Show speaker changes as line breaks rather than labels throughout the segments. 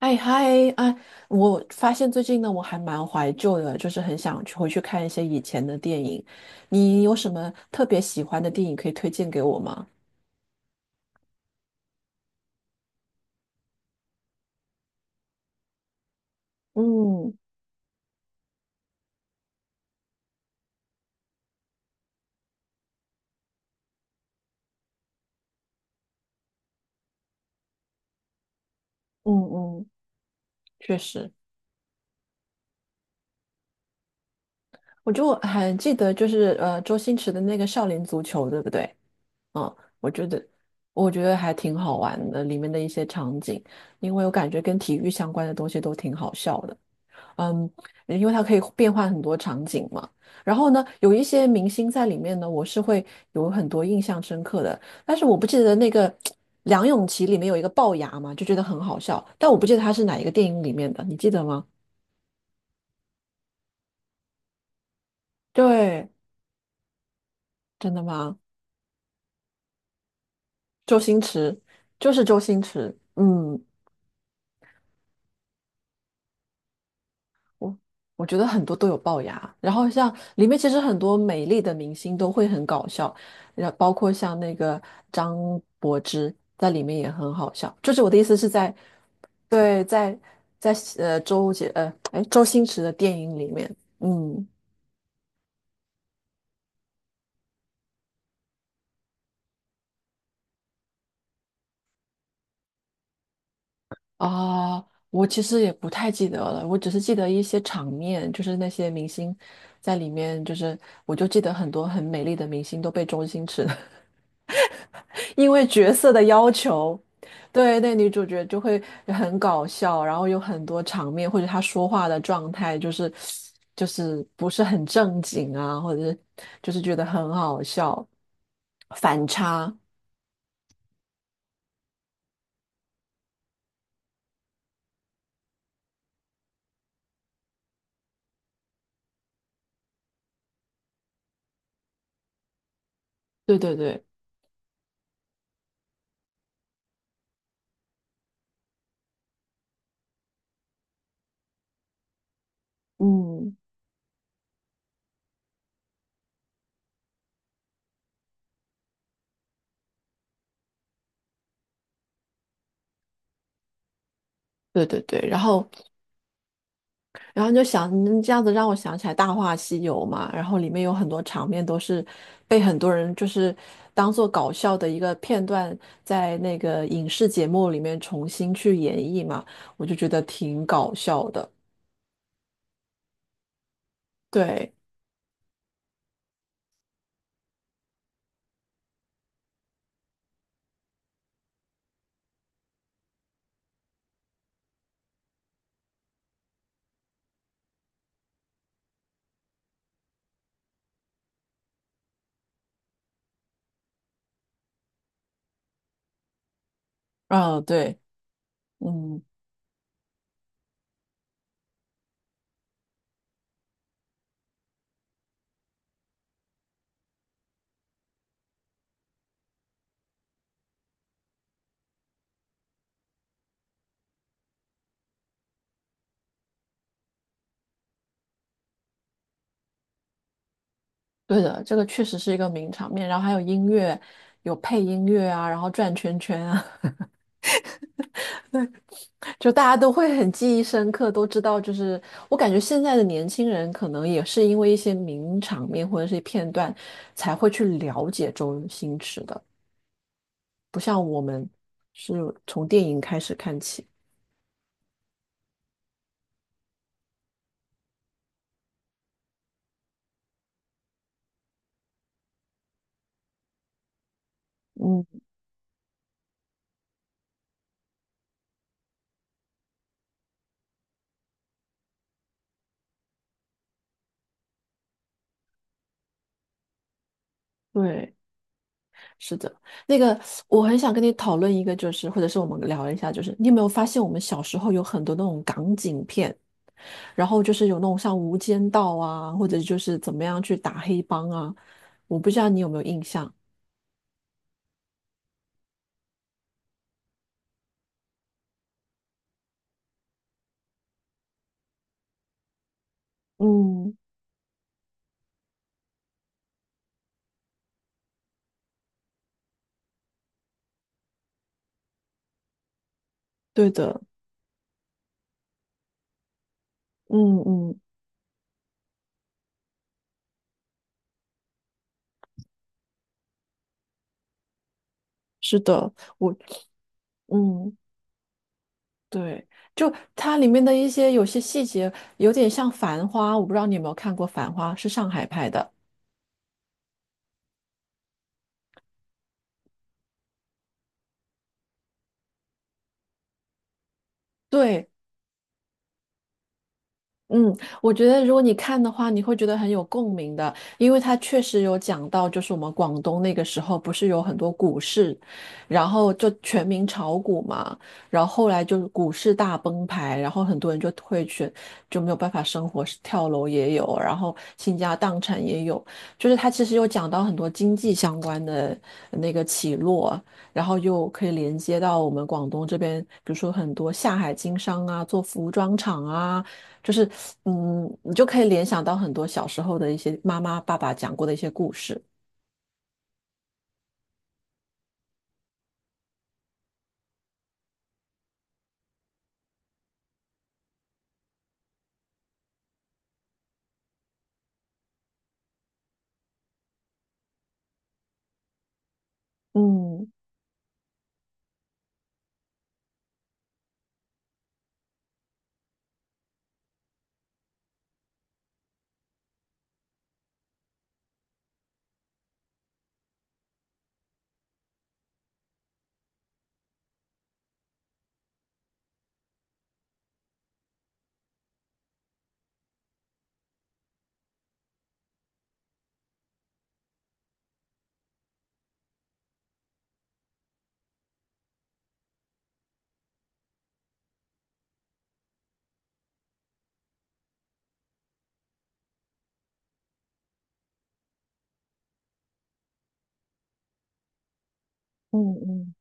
哎嗨啊！我发现最近呢，我还蛮怀旧的，就是很想去回去看一些以前的电影。你有什么特别喜欢的电影可以推荐给我吗？嗯嗯嗯，确实，我就还记得就是周星驰的那个《少林足球》，对不对？嗯，我觉得还挺好玩的，里面的一些场景，因为我感觉跟体育相关的东西都挺好笑的。嗯，因为它可以变换很多场景嘛。然后呢，有一些明星在里面呢，我是会有很多印象深刻的。但是我不记得那个 梁咏琪里面有一个龅牙嘛，就觉得很好笑。但我不记得他是哪一个电影里面的，你记得吗？对，真的吗？周星驰，就是周星驰。嗯，我我觉得很多都有龅牙，然后像里面其实很多美丽的明星都会很搞笑，然后包括像那个张柏芝在里面也很好笑。就是我的意思是在，对，在在呃周杰呃哎周星驰的电影里面，嗯。啊，我其实也不太记得了，我只是记得一些场面，就是那些明星在里面，就是我就记得很多很美丽的明星都被周星驰 因为角色的要求，对，那女主角就会很搞笑，然后有很多场面或者她说话的状态就是不是很正经啊，或者是就是觉得很好笑，反差，对对对，嗯，对对对，然后。然后你就想，你这样子让我想起来《大话西游》嘛，然后里面有很多场面都是被很多人就是当做搞笑的一个片段，在那个影视节目里面重新去演绎嘛，我就觉得挺搞笑的。对，嗯，对，嗯，对的，这个确实是一个名场面。然后还有音乐，有配音乐啊，然后转圈圈啊。就大家都会很记忆深刻，都知道。就是我感觉现在的年轻人可能也是因为一些名场面或者是片段，才会去了解周星驰的，不像我们是从电影开始看起。嗯，对，是的。那个，我很想跟你讨论一个，就是或者是我们聊一下，就是你有没有发现我们小时候有很多那种港警片，然后就是有那种像《无间道》啊，或者就是怎么样去打黑帮啊，我不知道你有没有印象。嗯，对的，嗯嗯，是的，我，嗯，对，就它里面的一些有些细节有点像《繁花》，我不知道你有没有看过《繁花》，是上海拍的。对，嗯，我觉得如果你看的话，你会觉得很有共鸣的，因为它确实有讲到，就是我们广东那个时候不是有很多股市，然后就全民炒股嘛，然后后来就是股市大崩盘，然后很多人就退选，就没有办法生活，跳楼也有，然后倾家荡产也有，就是他其实有讲到很多经济相关的那个起落，然后又可以连接到我们广东这边，比如说很多下海经商啊，做服装厂啊。就是嗯，你就可以联想到很多小时候的一些妈妈、爸爸讲过的一些故事。嗯嗯嗯，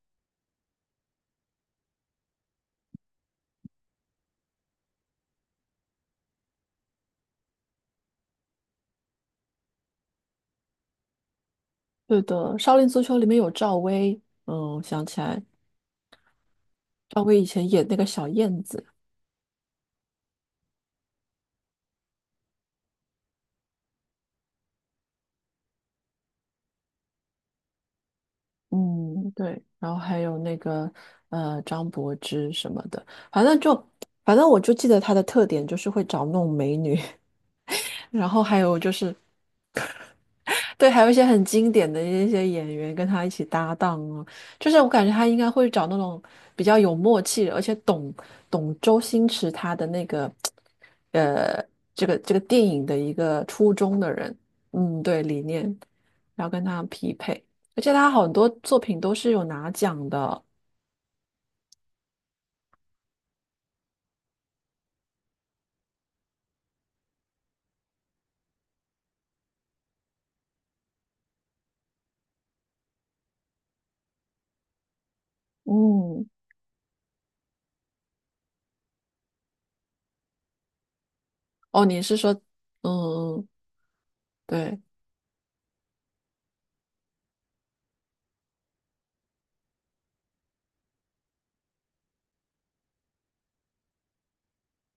对的，《少林足球》里面有赵薇，嗯，想起来，赵薇以前演那个小燕子。嗯，对，然后还有那个张柏芝什么的，反正就反正我就记得她的特点就是会找那种美女，然后还有就是对，还有一些很经典的一些演员跟他一起搭档啊，就是我感觉他应该会找那种比较有默契的而且懂周星驰他的那个呃这个电影的一个初衷的人，嗯，对，理念，然后跟他匹配，而且他很多作品都是有拿奖的，嗯，哦，你是说，嗯，对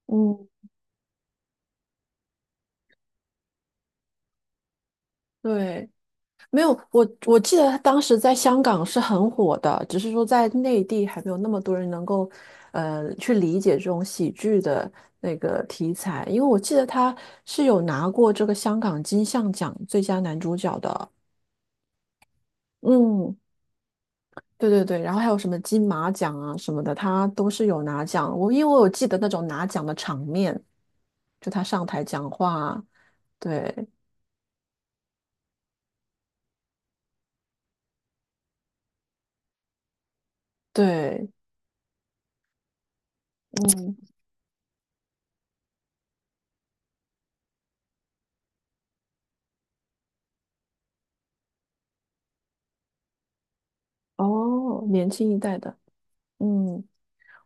嗯，对，没有，我记得当时在香港是很火的，只是说在内地还没有那么多人能够，去理解这种喜剧的那个题材。因为我记得他是有拿过这个香港金像奖最佳男主角的，嗯，对对对，然后还有什么金马奖啊什么的，他都是有拿奖。我因为我有记得那种拿奖的场面，就他上台讲话，对对，嗯，哦，年轻一代的。嗯，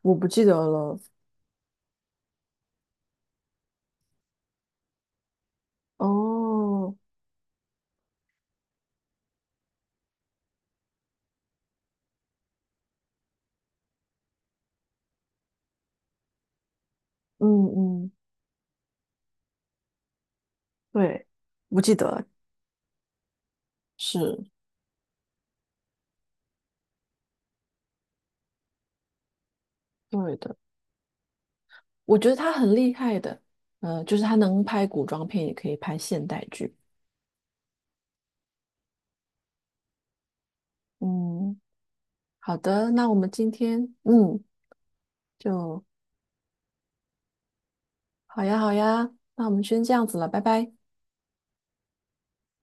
我不记得了。哦，嗯嗯，对，不记得了是对的。我觉得他很厉害的，就是他能拍古装片，也可以拍现代剧。嗯，好的，那我们今天，嗯，就好呀，好呀，那我们先这样子了，拜拜。